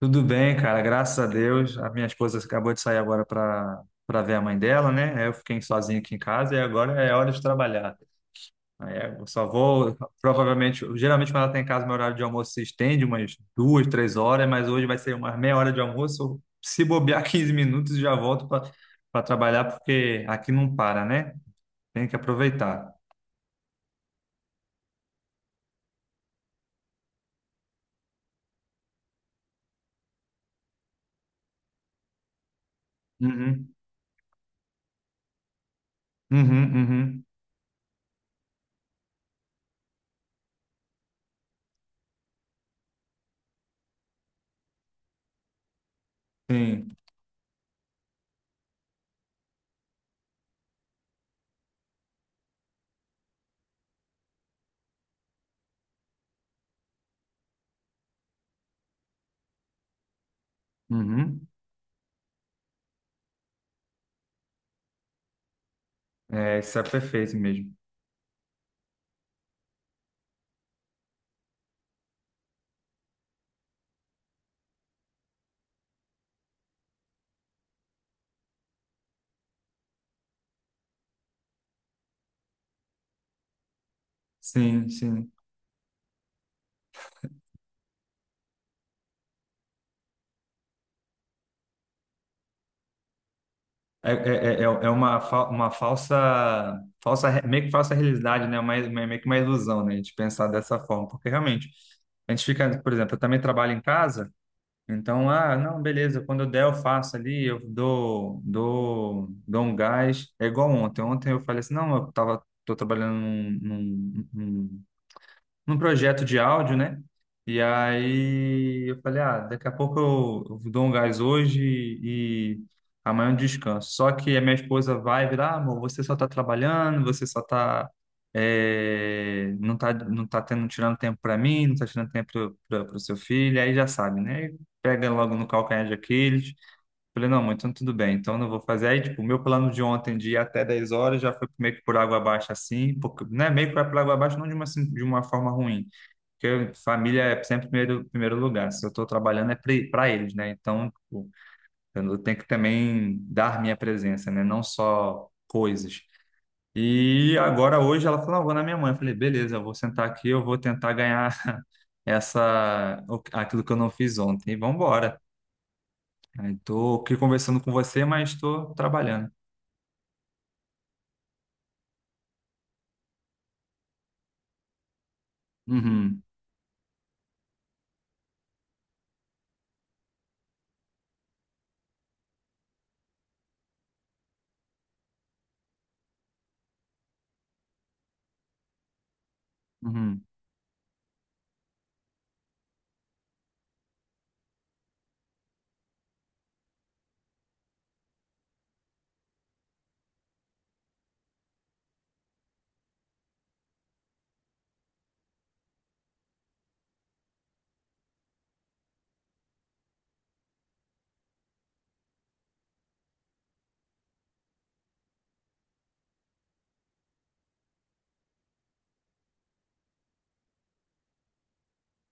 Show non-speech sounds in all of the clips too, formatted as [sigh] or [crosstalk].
Tudo bem, cara, graças a Deus. A minha esposa acabou de sair agora para ver a mãe dela, né? Aí eu fiquei sozinho aqui em casa e agora é hora de trabalhar. Aí eu só vou, provavelmente, geralmente quando ela está em casa, meu horário de almoço se estende umas 2, 3 horas, mas hoje vai ser umas meia hora de almoço. Se bobear [laughs] 15 minutos, já volto para trabalhar, porque aqui não para, né? Tem que aproveitar. Uhum, uhum, uhum. Sim. Uhum. É, isso é perfeito mesmo. Sim, sim. É uma, fa- uma falsa, falsa, re- meio que falsa realidade, né? Meio que uma ilusão, né? A gente pensar dessa forma. Porque realmente, a gente fica, por exemplo, eu também trabalho em casa, então, ah, não, beleza, quando eu der, eu faço ali, eu dou um gás. É igual ontem. Ontem eu falei assim, não, tô trabalhando num, num projeto de áudio, né? E aí eu falei, ah, daqui a pouco eu dou um gás hoje e amanhã eu descanso. Só que a minha esposa vai virar, ah, amor, você só tá trabalhando, você só tá, não tá, não tá tendo, tirando tempo para mim, não tá tirando tempo para o seu filho, aí já sabe, né? Pega logo no calcanhar de Aquiles. Falei, não, mãe, então tudo bem, então não vou fazer. Aí, tipo, o meu plano de ontem de ir até 10 horas já foi meio que por água abaixo, assim, porque, né, meio que por água abaixo, não de uma, assim, de uma forma ruim, porque família é sempre primeiro, primeiro lugar. Se eu estou trabalhando é para eles, né? Então, tipo, eu tenho que também dar minha presença, né? Não só coisas. E agora, hoje, ela falou, não, vou na minha mãe. Eu falei, beleza, eu vou sentar aqui, eu vou tentar ganhar [laughs] aquilo que eu não fiz ontem. E vamos embora. Estou aqui conversando com você, mas estou trabalhando. Uhum, uhum.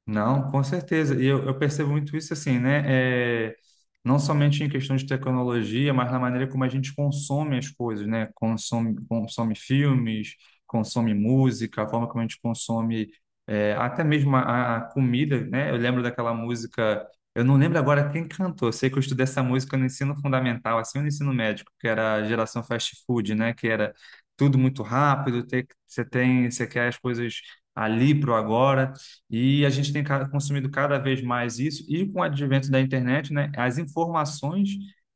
Não, com certeza. E eu percebo muito isso assim, né? É, não somente em questão de tecnologia, mas na maneira como a gente consome as coisas, né? Consome filmes, consome música, a forma como a gente consome até mesmo a comida, né? Eu lembro daquela música, eu não lembro agora quem cantou. Eu sei que eu estudei essa música no ensino fundamental, assim, ou no ensino médio, que era a geração fast food, né? Que era tudo muito rápido, você quer as coisas ali pro agora. E a gente tem consumido cada vez mais isso, e com o advento da internet, né, as informações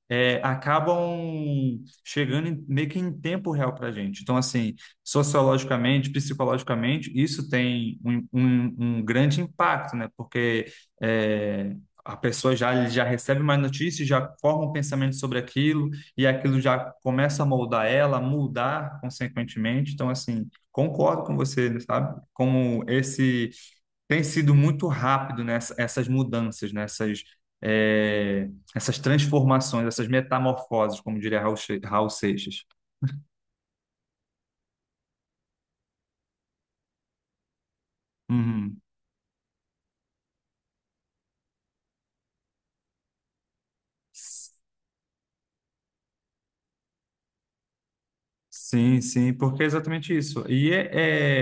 acabam chegando meio que em tempo real para a gente. Então, assim, sociologicamente, psicologicamente, isso tem um grande impacto, né? Porque eh, a pessoa já recebe mais notícias, já forma um pensamento sobre aquilo, e aquilo já começa a moldar ela, mudar consequentemente. Então, assim, concordo com você, sabe? Como esse tem sido muito rápido essas mudanças, é, essas transformações, essas metamorfoses, como diria Raul Seixas. Uhum. S- Sim, sim, porque é exatamente isso. E é,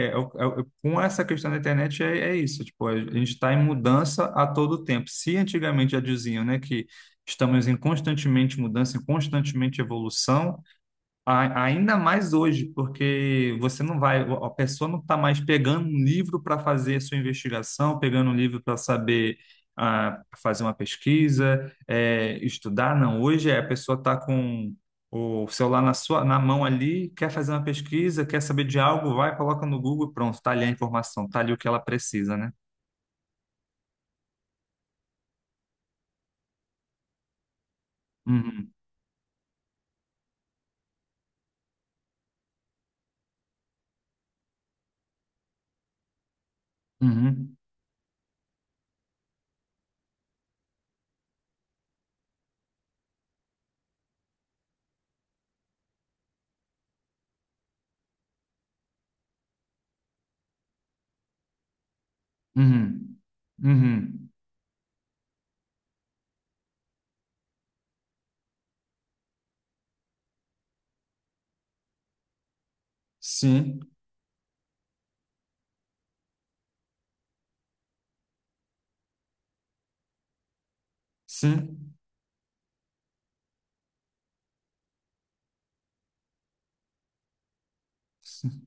é- é o- é o- com essa questão da internet é isso, tipo, a gente está em mudança a todo tempo. Se antigamente já diziam, né, que estamos em constantemente mudança, em constantemente evolução, ainda mais hoje, porque você não vai, a pessoa não está mais pegando um livro para fazer sua investigação, pegando um livro para saber fazer uma pesquisa, estudar, não. Hoje a pessoa está com o celular na mão ali, quer fazer uma pesquisa, quer saber de algo, vai, coloca no Google, e pronto, está ali a informação, está ali o que ela precisa, né? Uhum, uhum, uhum, uhum. Sim, sim, sim.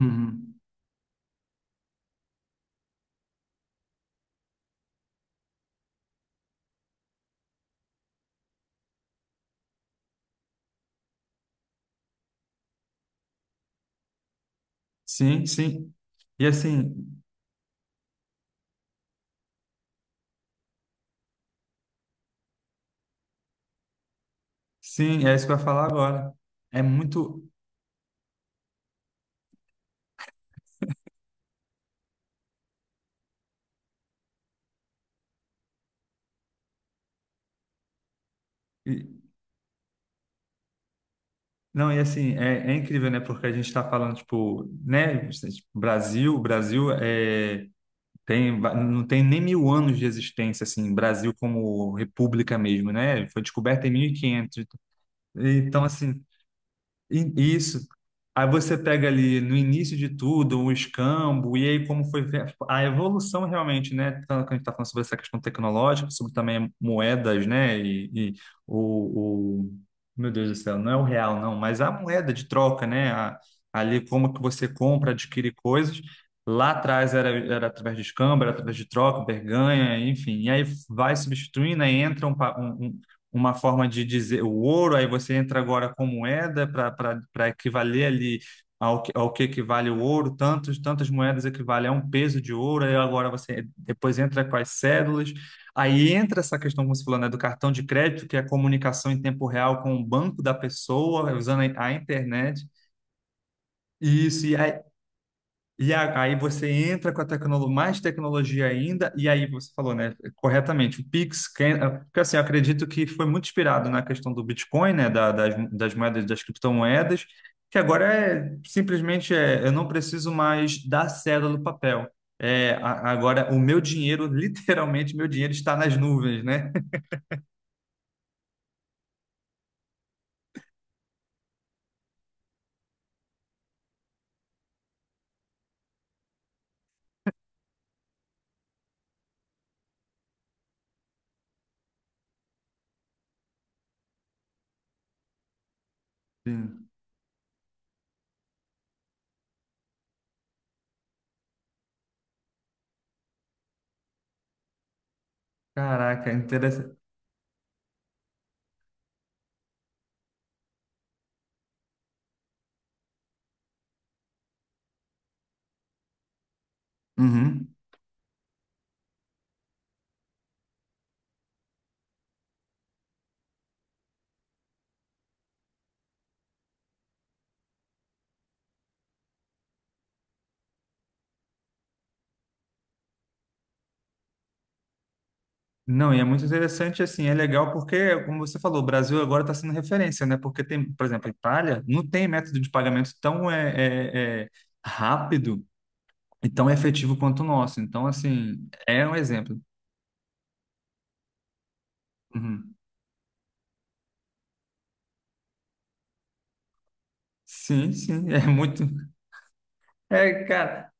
Uhum. Sim, sim. E assim, sim, é isso que eu ia falar agora. É muito. e- Não, e assim, é incrível, né? Porque a gente está falando, tipo, né? Tipo, Brasil, não tem nem mil anos de existência, assim, Brasil como república mesmo, né? Foi descoberta em 1500. Então, assim, isso. Aí você pega ali no início de tudo o escambo, e aí como foi ver a evolução realmente, né? Tanto que a gente está falando sobre essa questão tecnológica, sobre também moedas, né? O, o- Meu Deus do céu, não é o real, não, mas a moeda de troca, né? Ali como que você compra, adquire coisas. Lá atrás era através de escambo, era através de troca, barganha, enfim. E aí vai substituindo, aí entra uma forma de dizer o ouro, aí você entra agora com moeda para equivaler ali ao que equivale o ouro, tantas moedas equivale a um peso de ouro, aí agora você depois entra com as cédulas, aí entra essa questão, como você falou, né, do cartão de crédito, que é a comunicação em tempo real com o banco da pessoa, usando a internet. Isso, aí você entra com a mais tecnologia ainda, e aí você falou, né, corretamente, o Pix, porque assim, eu acredito que foi muito inspirado na questão do Bitcoin, né, das moedas, das criptomoedas, que agora é simplesmente, eu não preciso mais da cédula do papel. É, agora o meu dinheiro, [laughs] literalmente, meu dinheiro está nas nuvens, né? Sim. Caraca, interessante. Não, e é muito interessante, assim, é legal porque, como você falou, o Brasil agora está sendo referência, né? Porque tem, por exemplo, a Itália não tem método de pagamento tão rápido e tão efetivo quanto o nosso. Então, assim, é um exemplo. Uhum. Sim, sim, [laughs] é muito. É, cara,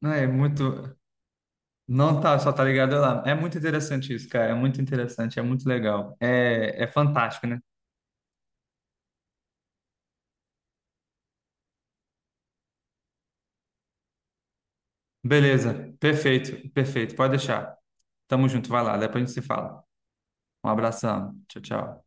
não é muito. Não tá, só tá ligado lá. É muito interessante isso, cara. É muito interessante, é muito legal. É fantástico, né? Beleza, perfeito, perfeito. Pode deixar. Tamo junto, vai lá, depois a gente se fala. Um abração. Tchau, tchau.